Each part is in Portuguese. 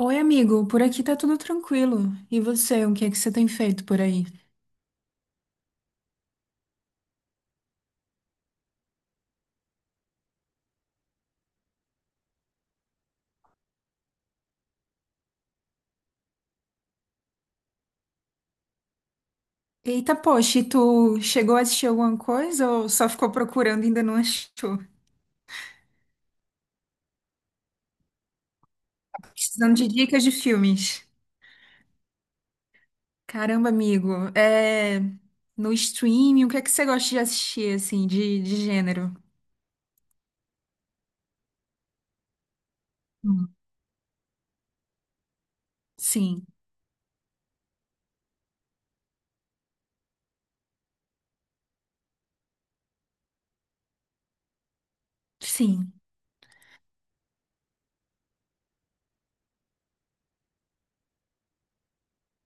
Oi, amigo, por aqui tá tudo tranquilo. E você, o que é que você tem feito por aí? Eita, poxa, e tu chegou a assistir alguma coisa ou só ficou procurando e ainda não achou? Precisando de dicas de filmes. Caramba, amigo, é... no streaming, o que é que você gosta de assistir, assim, de gênero? Hum, Sim, sim.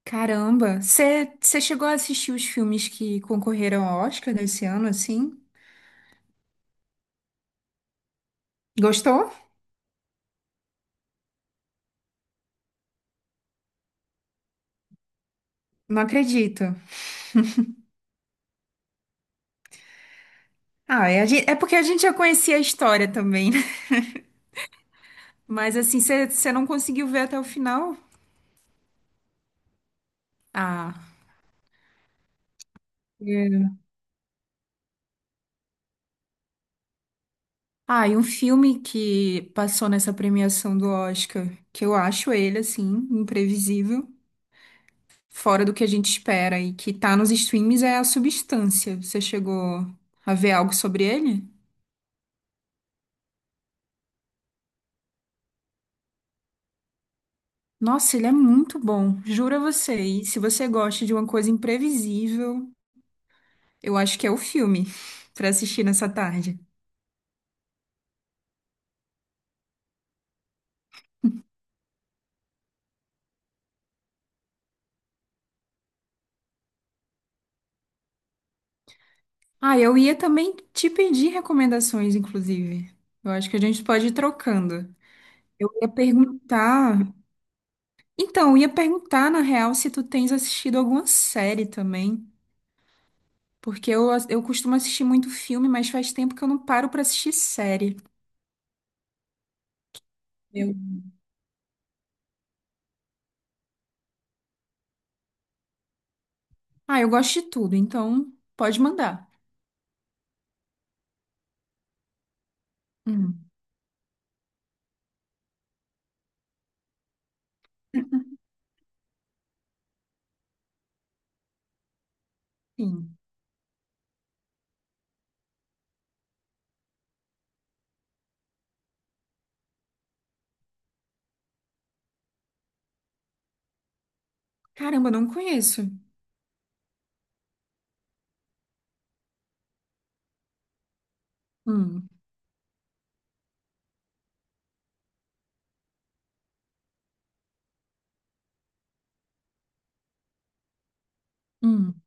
Caramba, você chegou a assistir os filmes que concorreram ao Oscar desse ano, assim? Gostou? Não acredito. Ah, é, é porque a gente já conhecia a história também, né? Mas assim, você não conseguiu ver até o final? Ah. É. Ah, e um filme que passou nessa premiação do Oscar, que eu acho ele, assim, imprevisível, fora do que a gente espera e que tá nos streams é A Substância. Você chegou a ver algo sobre ele? Nossa, ele é muito bom, juro a você. E se você gosta de uma coisa imprevisível, eu acho que é o filme pra assistir nessa tarde. Ah, eu ia também te pedir recomendações, inclusive. Eu acho que a gente pode ir trocando. Eu ia perguntar. Então, eu ia perguntar, na real, se tu tens assistido alguma série também. Porque eu costumo assistir muito filme, mas faz tempo que eu não paro pra assistir série. Eu... Ah, eu gosto de tudo, então pode mandar. Hum, sim. Caramba, não conheço. Hum, hum.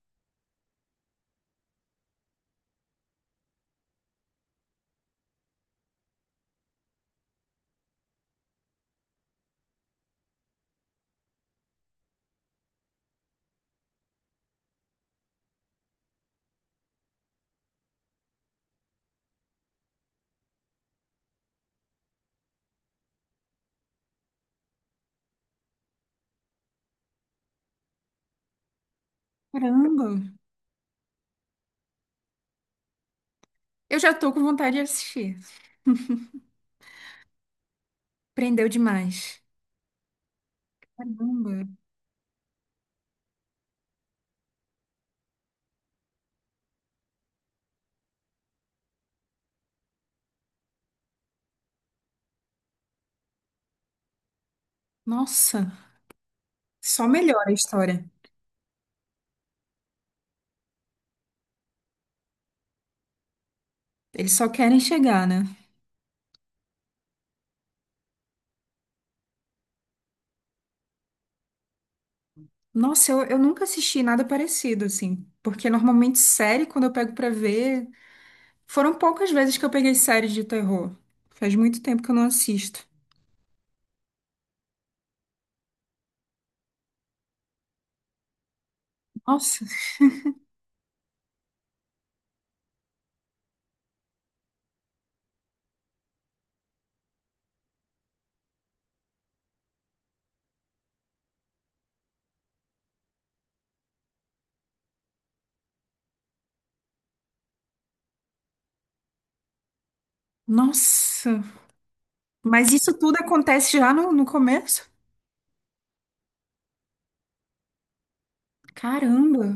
Caramba. Eu já tô com vontade de assistir. Prendeu demais. Caramba. Nossa. Só melhora a história. Eles só querem chegar, né? Nossa, eu nunca assisti nada parecido, assim. Porque normalmente série, quando eu pego pra ver. Foram poucas vezes que eu peguei séries de terror. Faz muito tempo que eu não assisto. Nossa, nossa. Mas isso tudo acontece já no começo? Caramba.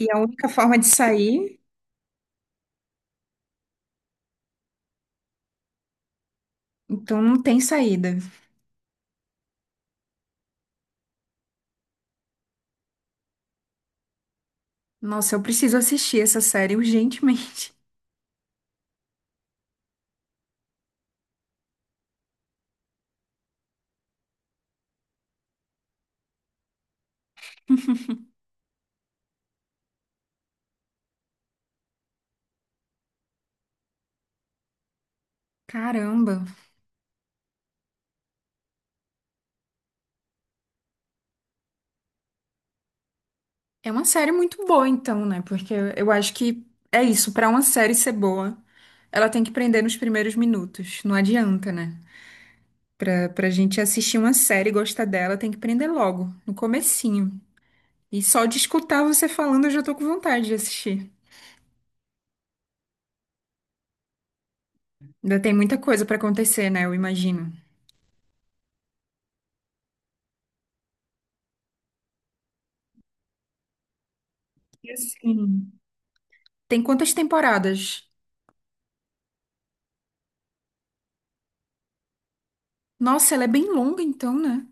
E é a única forma de sair, então não tem saída. Nossa, eu preciso assistir essa série urgentemente. Caramba. É uma série muito boa, então, né? Porque eu acho que é isso, pra uma série ser boa, ela tem que prender nos primeiros minutos. Não adianta, né? Pra gente assistir uma série e gostar dela, tem que prender logo, no comecinho. E só de escutar você falando, eu já tô com vontade de assistir. Ainda tem muita coisa pra acontecer, né? Eu imagino. E assim, tem quantas temporadas? Nossa, ela é bem longa, então, né?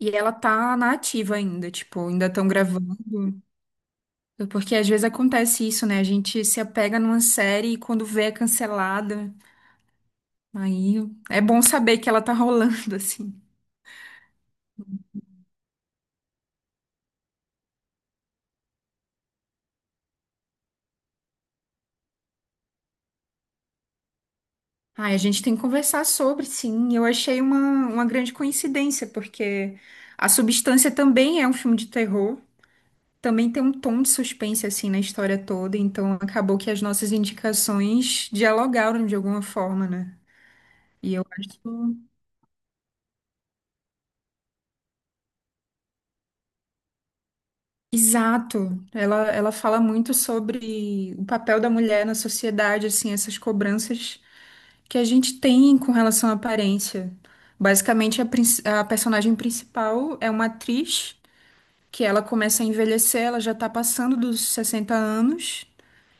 E ela tá na ativa ainda, tipo, ainda estão gravando. Porque às vezes acontece isso, né? A gente se apega numa série e quando vê é cancelada. Aí é bom saber que ela tá rolando, assim. Ah, a gente tem que conversar sobre, sim. Eu achei uma grande coincidência, porque A Substância também é um filme de terror. Também tem um tom de suspense, assim, na história toda. Então acabou que as nossas indicações dialogaram de alguma forma, né? E eu acho. Exato. Ela fala muito sobre o papel da mulher na sociedade, assim, essas cobranças que a gente tem com relação à aparência. Basicamente, a personagem principal é uma atriz que ela começa a envelhecer, ela já está passando dos 60 anos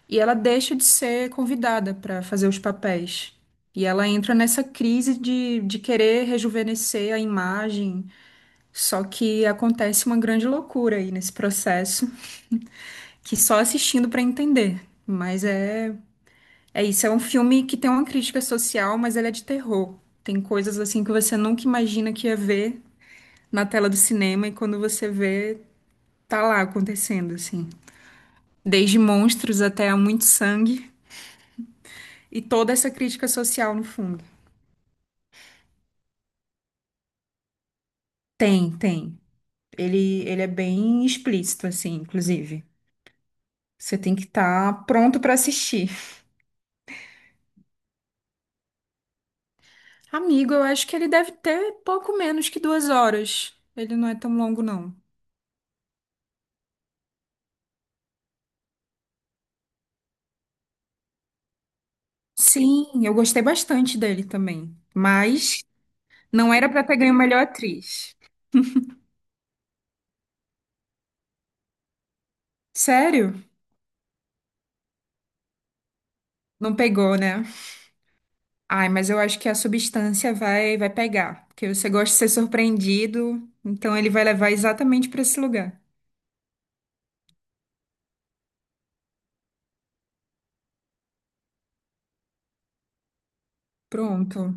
e ela deixa de ser convidada para fazer os papéis. E ela entra nessa crise de querer rejuvenescer a imagem, só que acontece uma grande loucura aí nesse processo que só assistindo pra entender. Mas é, é isso, é um filme que tem uma crítica social, mas ele é de terror. Tem coisas assim que você nunca imagina que ia ver na tela do cinema e quando você vê, tá lá acontecendo assim. Desde monstros até muito sangue e toda essa crítica social no fundo. Tem, tem. Ele é bem explícito assim, inclusive. Você tem que estar pronto pra assistir. Amigo, eu acho que ele deve ter pouco menos que 2 horas. Ele não é tão longo, não. Sim, eu gostei bastante dele também. Mas não era pra ter ganho melhor atriz. Sério? Não pegou, né? Ai, mas eu acho que a substância vai pegar, porque você gosta de ser surpreendido, então ele vai levar exatamente pra esse lugar. Pronto.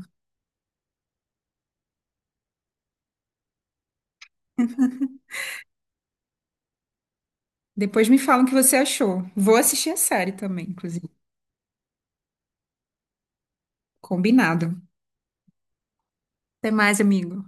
Depois me falam o que você achou. Vou assistir a série também, inclusive. Combinado. Até mais, amigo.